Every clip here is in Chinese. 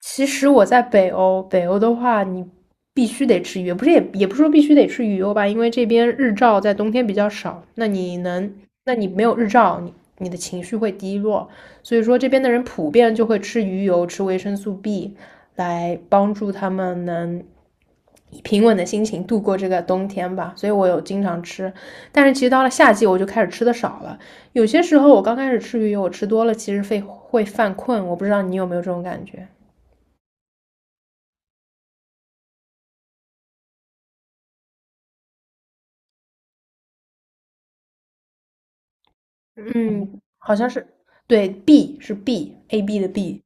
其实我在北欧，北欧的话，你必须得吃鱼，不是也不是说必须得吃鱼油吧，因为这边日照在冬天比较少，那你能，那你没有日照，你的情绪会低落，所以说这边的人普遍就会吃鱼油，吃维生素 B,来帮助他们能以平稳的心情度过这个冬天吧。所以我有经常吃，但是其实到了夏季我就开始吃的少了，有些时候我刚开始吃鱼油，我吃多了其实会犯困，我不知道你有没有这种感觉。嗯，好像是，对，B 是 B，A B 的 B，D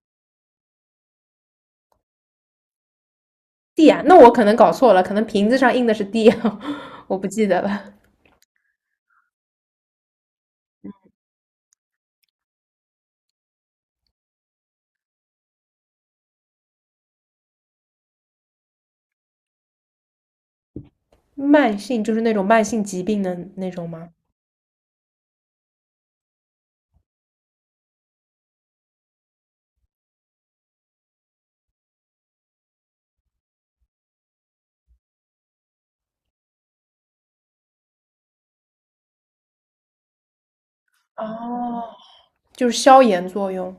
啊，那我可能搞错了，可能瓶子上印的是 D,我不记得了。慢性就是那种慢性疾病的那种吗？哦，就是消炎作用。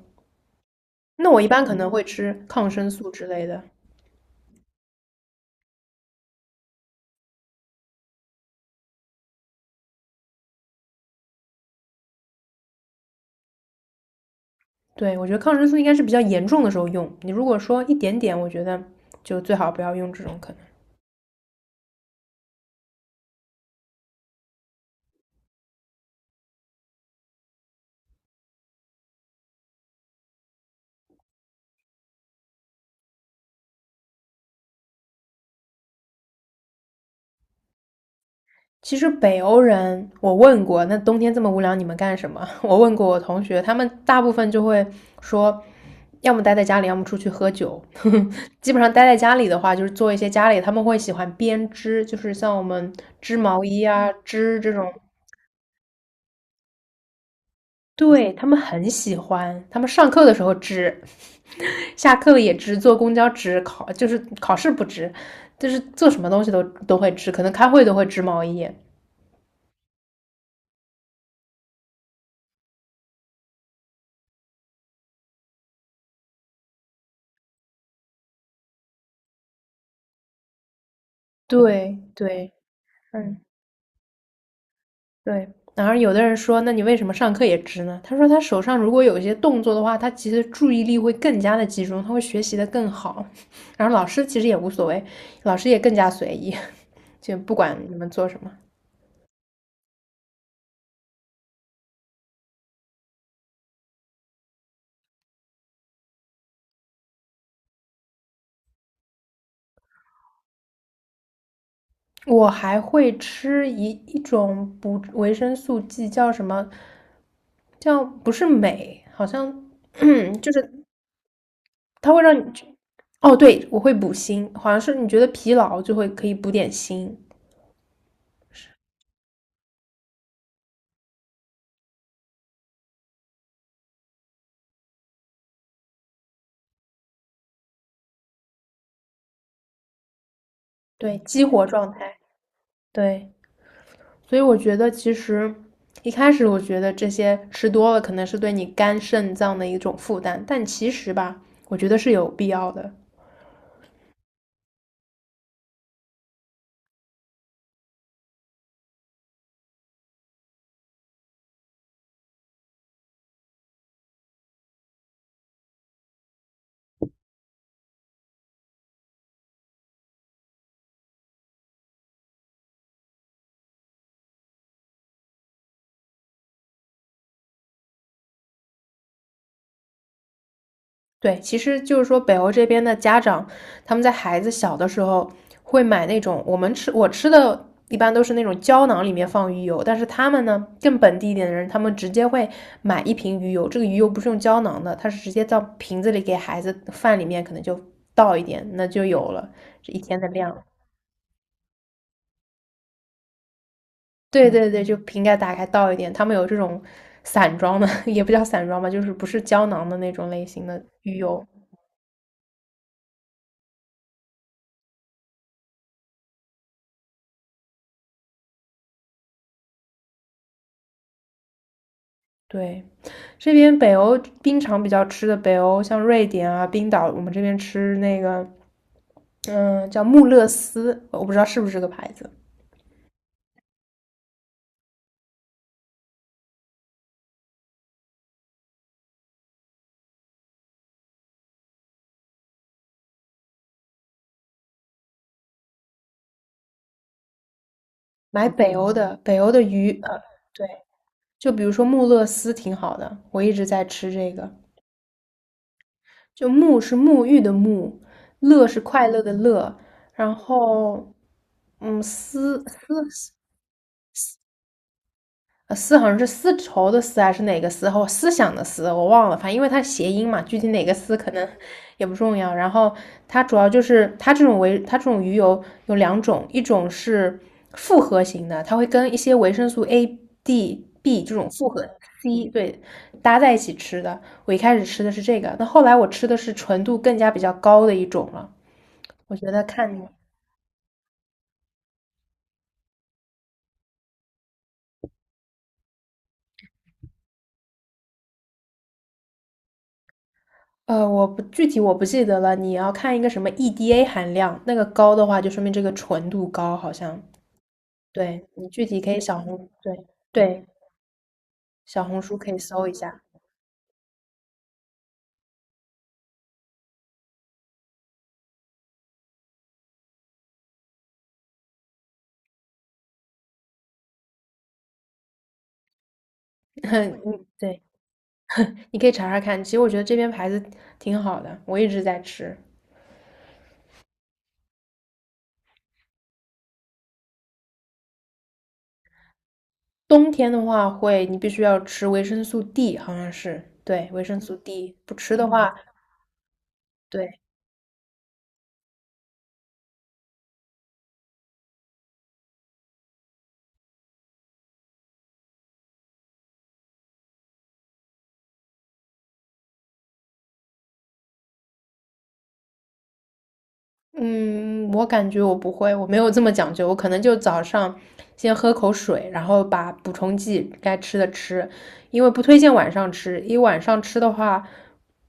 那我一般可能会吃抗生素之类的。对，我觉得抗生素应该是比较严重的时候用。你如果说一点点，我觉得就最好不要用这种可能。其实北欧人，我问过，那冬天这么无聊，你们干什么？我问过我同学，他们大部分就会说，要么待在家里，要么出去喝酒。基本上待在家里的话，就是做一些家里，他们会喜欢编织，就是像我们织毛衣啊、织这种，对，他们很喜欢。他们上课的时候织，下课了也织，坐公交织，考就是考试不织，就是做什么东西都都会织，可能开会都会织毛衣。对对，嗯。对，然后有的人说，那你为什么上课也直呢？他说他手上如果有一些动作的话，他其实注意力会更加的集中，他会学习的更好。然后老师其实也无所谓，老师也更加随意，就不管你们做什么。我还会吃一种补维生素剂，叫什么？叫不是镁，好像 就是它会让你哦，对，我会补锌，好像是你觉得疲劳就会可以补点锌，对，激活状态，对。所以我觉得其实一开始我觉得这些吃多了可能是对你肝肾脏的一种负担，但其实吧，我觉得是有必要的。对，其实就是说北欧这边的家长，他们在孩子小的时候会买那种我吃的一般都是那种胶囊里面放鱼油，但是他们呢更本地一点的人，他们直接会买一瓶鱼油，这个鱼油不是用胶囊的，它是直接到瓶子里给孩子饭里面可能就倒一点，那就有了这一天的量。对对对，就瓶盖打开倒一点。他们有这种散装的，也不叫散装吧，就是不是胶囊的那种类型的鱼油。对，这边北欧冰场比较吃的，北欧像瑞典啊、冰岛，我们这边吃那个，嗯，叫穆勒斯，我不知道是不是这个牌子。买北欧的，北欧的鱼，对，就比如说穆勒斯挺好的，我一直在吃这个。就沐是沐浴的沐，乐是快乐的乐，然后嗯，思丝好像是丝绸的丝还是哪个丝，或思想的思，我忘了，反正因为它谐音嘛，具体哪个丝可能也不重要。然后它主要就是它这种鱼油有两种，一种是复合型的，它会跟一些维生素 A、D、B 这种复合 C 对搭在一起吃的。我一开始吃的是这个，那后来我吃的是纯度更加比较高的一种了。我觉得看你。我不记得了，你要看一个什么 EDA 含量，那个高的话就说明这个纯度高，好像。对，你具体可以小红，对对，小红书可以搜一下，嗯，对，你可以查查看。其实我觉得这边牌子挺好的，我一直在吃。冬天的话会，你必须要吃维生素 D,好像是，对，维生素 D,不吃的话，对。嗯，我感觉我不会，我没有这么讲究，我可能就早上先喝口水，然后把补充剂该吃的吃，因为不推荐晚上吃，因为晚上吃的话，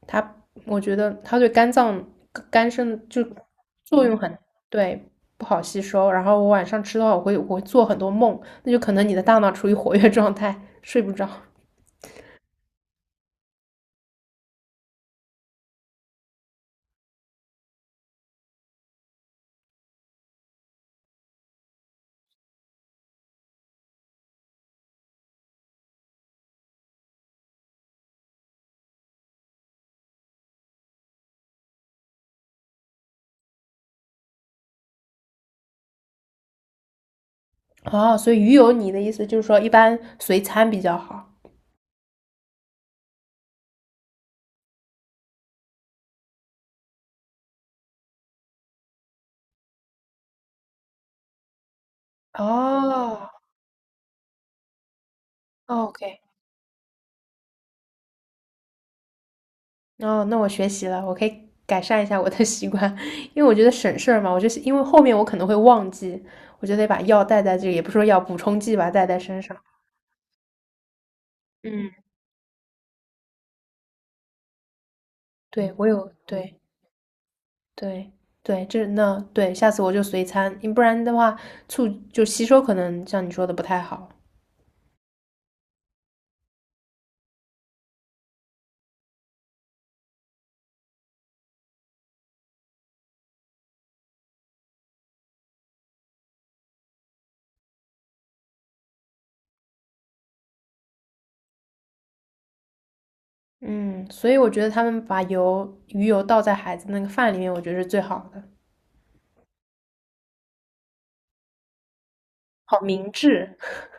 它我觉得它对肝脏、肝肾就作用很，对，不好吸收。然后我晚上吃的话，我会做很多梦，那就可能你的大脑处于活跃状态，睡不着。哦，所以鱼油，你的意思就是说一般随餐比较好。哦，OK。哦，那我学习了，我可以改善一下我的 习惯，因为我觉得省事儿嘛。我就是因为后面我可能会忘记，我就得把药带在这里也不是说药补充剂吧，带在身上。嗯，对，我有，对对对，这那对，下次我就随餐，你不然的话促就吸收可能像你说的不太好。嗯，所以我觉得他们把油鱼油倒在孩子那个饭里面，我觉得是最好的，好明智。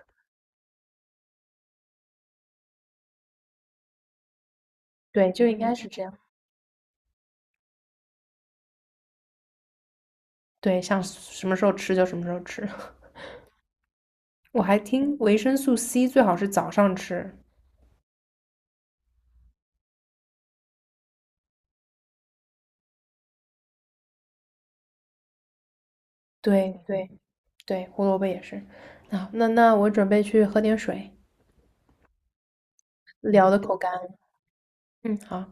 对，就应该是这样。对，想什么时候吃就什么时候吃。我还听维生素 C 最好是早上吃。对对对，胡萝卜也是。啊，那我准备去喝点水，聊的口干了嗯，好。